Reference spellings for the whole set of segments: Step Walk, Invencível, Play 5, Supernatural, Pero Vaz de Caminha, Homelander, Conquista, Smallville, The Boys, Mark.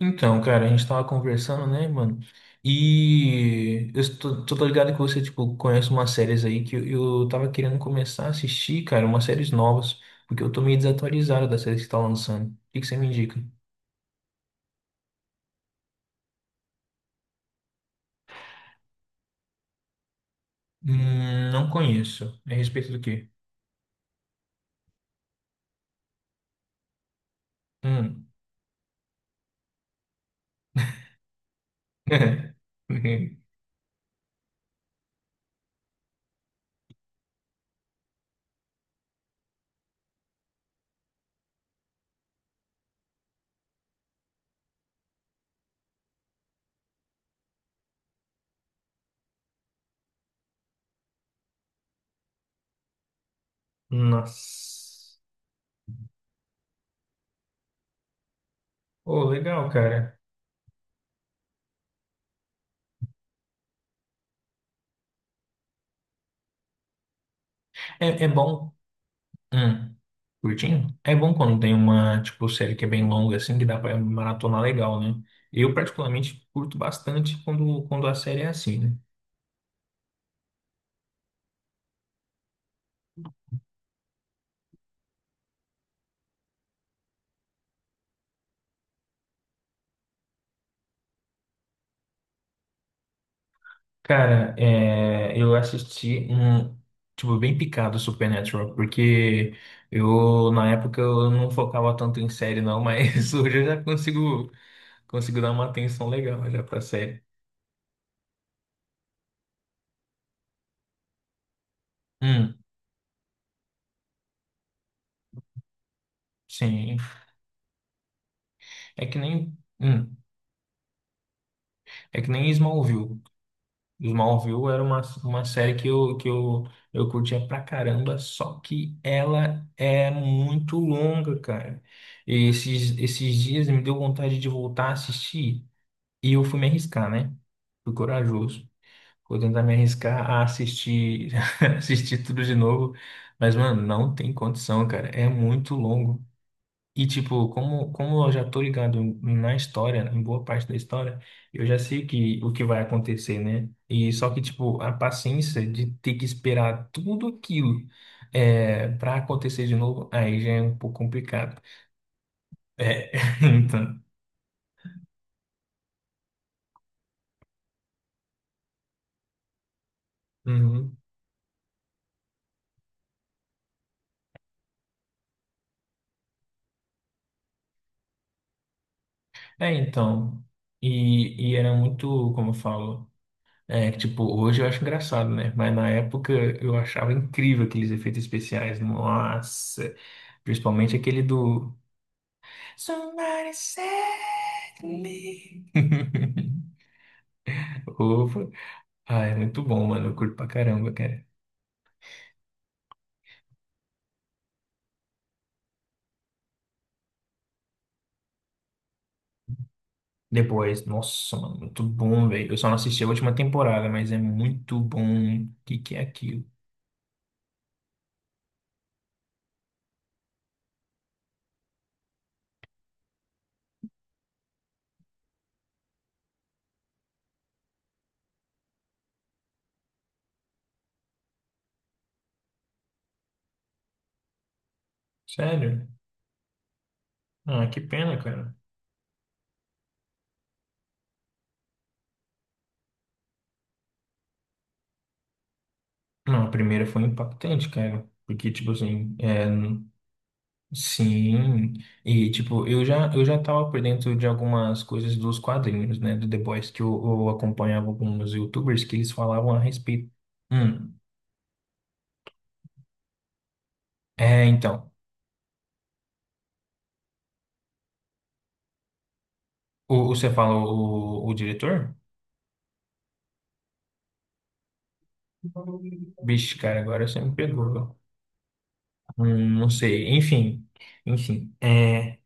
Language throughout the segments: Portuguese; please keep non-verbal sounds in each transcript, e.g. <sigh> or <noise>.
Então, cara, a gente tava conversando, né, mano? E eu tô ligado que você, tipo, conhece umas séries aí que eu tava querendo começar a assistir, cara, umas séries novas, porque eu tô meio desatualizado das séries que tá lançando. O que que você me indica? Não conheço. É a respeito do quê? Hum. <laughs> Nossa. Oh, legal, cara. É, é bom. Hum, curtinho? É bom quando tem uma, tipo, série que é bem longa, assim, que dá pra maratonar legal, né? Eu, particularmente, curto bastante quando a série é assim, né? Cara, é, eu assisti um, tipo, bem picado Supernatural, porque eu, na época, eu não focava tanto em série, não, mas <laughs> hoje eu já consigo, consigo dar uma atenção legal já pra série. Hum, sim. É que nem, hum, é que nem Smallville. Smallville era uma série que eu, eu curtia pra caramba, só que ela é muito longa, cara. E esses dias me deu vontade de voltar a assistir e eu fui me arriscar, né? Fui corajoso. Vou tentar me arriscar a assistir, <laughs> assistir tudo de novo. Mas, mano, não tem condição, cara. É muito longo. E, tipo, como eu já tô ligado na história, em boa parte da história, eu já sei que, o que vai acontecer, né? E só que, tipo, a paciência de ter que esperar tudo aquilo é, para acontecer de novo, aí já é um pouco complicado. É, <laughs> então. Uhum. É, então. E era muito, como eu falo, é, que, tipo, hoje eu acho engraçado, né? Mas na época eu achava incrível aqueles efeitos especiais. Nossa! Principalmente aquele do Somebody save me. <laughs> Opa. Ah, é muito bom, mano. Eu curto pra caramba, cara. Depois, nossa, mano, muito bom, velho. Eu só não assisti a última temporada, mas é muito bom. O que que é aquilo? Sério? Ah, que pena, cara. Não, a primeira foi impactante, cara. Porque, tipo assim, é, n- Sim, e tipo, eu já tava por dentro de algumas coisas dos quadrinhos, né, do The Boys, que eu acompanhava alguns YouTubers que eles falavam a respeito. Hum, É, então. O- você falou o diretor? Vixe, cara, agora você me pegou. Não sei. Enfim, enfim. É,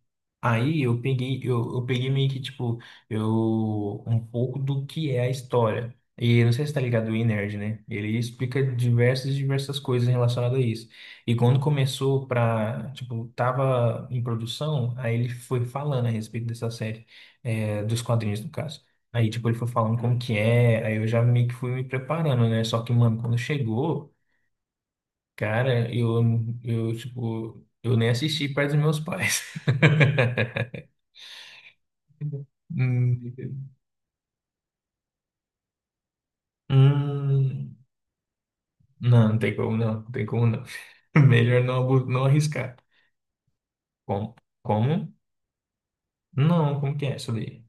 aí eu peguei, eu peguei meio que, tipo, eu, um pouco do que é a história. E não sei se tá ligado o nerd, né? Ele explica diversas coisas relacionadas a isso. E quando começou pra, tipo, tava em produção, aí ele foi falando a respeito dessa série, é, dos quadrinhos, no caso. Aí, tipo, ele foi falando como que é, aí eu já meio que fui me preparando, né? Só que, mano, quando chegou, cara, eu, tipo, eu nem assisti perto dos meus pais. <laughs> Hum, hum, não, não tem como não. <laughs> Melhor não, abu- não arriscar. Como? Como? Não, como que é essa daí?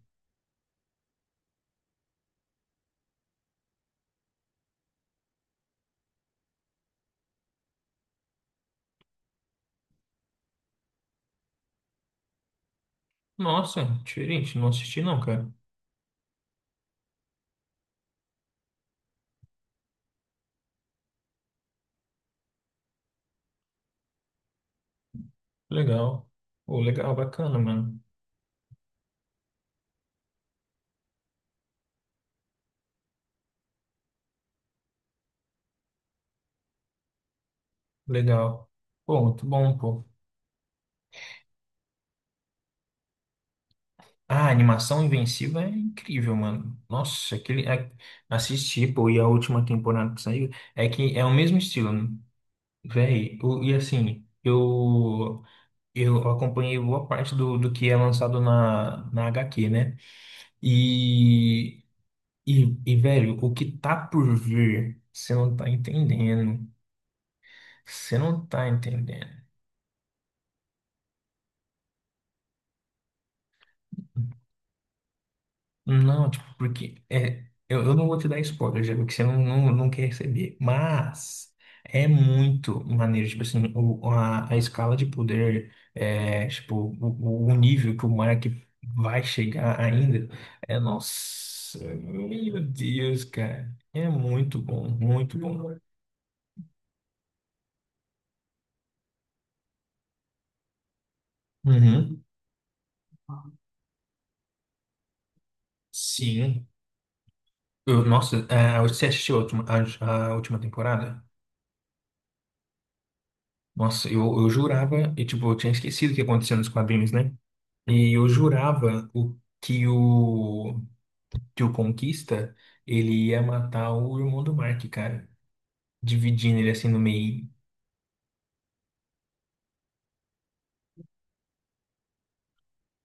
Nossa, diferente, não assisti não, cara. Legal. Pô, legal, bacana, mano. Legal. Pô, muito bom, pô. Ah, a animação Invencível é incrível, mano. Nossa, aquele... a- assisti, pô, e a última temporada que saiu é que é o mesmo estilo, né? Véi. O- E assim, eu... Eu acompanhei boa parte do, do que é lançado na, na HQ, né? E, e, velho, o que tá por vir, você não tá entendendo. Você não tá entendendo. Não, tipo, porque é, eu não vou te dar spoiler, já vi que você não quer receber. Mas é muito maneiro, tipo assim, o, a escala de poder, é, tipo, o nível que o Mark vai chegar ainda. É, nossa, meu Deus, cara. É muito bom, muito bom. Uhum, sim. Eu- nossa, é, você assistiu a última temporada? Nossa, eu jurava, e tipo, eu tinha esquecido o que aconteceu nos quadrinhos, né? E eu jurava o, que o que o Conquista ele ia matar o irmão do Mark, cara. Dividindo ele assim no meio.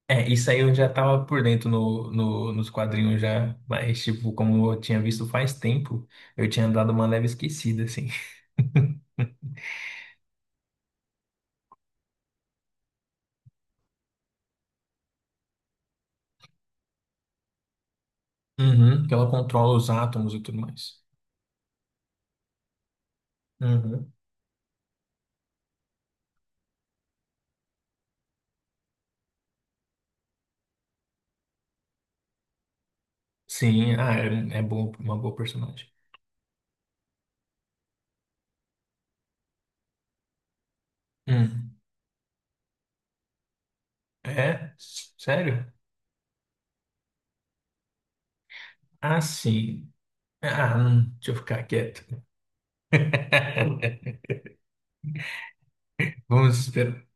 É, isso aí eu já tava por dentro no, no- nos quadrinhos já, mas tipo, como eu tinha visto faz tempo, eu tinha dado uma leve esquecida, assim. <laughs> Uhum, que ela controla os átomos e tudo mais. Uhum. Sim, ah, é, é bom, uma boa personagem. Hum. É? Sério? Ah, sim. Ah, deixa eu ficar quieto. <laughs> Vamos esperar.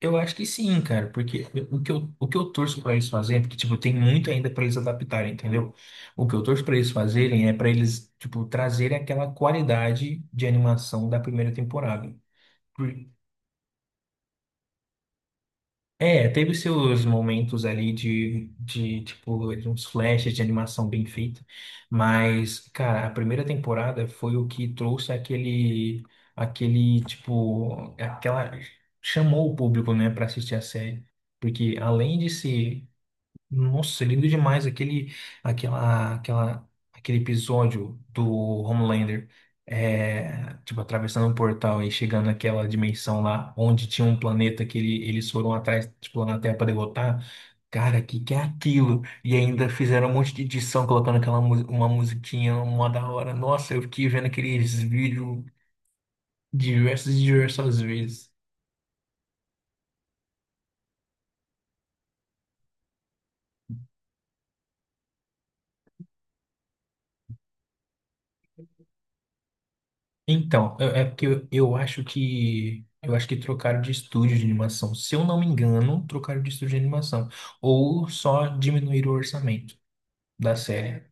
Eu acho que sim, cara, porque o que eu torço para eles fazerem, porque, tipo, tem muito ainda para eles adaptarem, entendeu? O que eu torço para eles fazerem é para eles, tipo, trazerem aquela qualidade de animação da primeira temporada. É, teve seus momentos ali de tipo, uns flashes de animação bem feita, mas, cara, a primeira temporada foi o que trouxe aquele, aquele, tipo, aquela, chamou o público, né, pra assistir a série, porque além de ser nossa, lindo demais aquele, aquela, aquela, aquele episódio do Homelander, é, tipo, atravessando um portal e chegando naquela dimensão lá, onde tinha um planeta que ele, eles foram atrás, tipo, lá na Terra para derrotar. Cara, que é aquilo? E ainda fizeram um monte de edição colocando aquela mu- uma musiquinha, uma da hora. Nossa, eu fiquei vendo aqueles vídeos diversas e diversas vezes. Então, eu- é porque eu acho que trocaram de estúdio de animação. Se eu não me engano, trocaram de estúdio de animação ou só diminuíram o orçamento da série.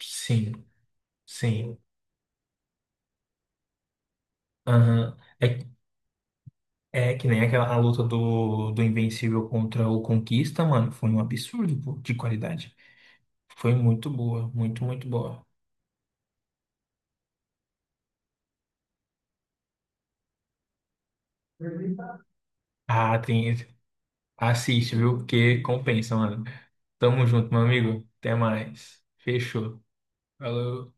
Sim, sim. Aham. É, é que nem aquela a luta do, do Invencível contra o Conquista, mano. Foi um absurdo, pô, de qualidade. Foi muito boa, muito, muito boa. Ah, tem. Assiste, viu? Porque compensa, mano. Tamo junto, meu amigo. Até mais. Fechou. Falou.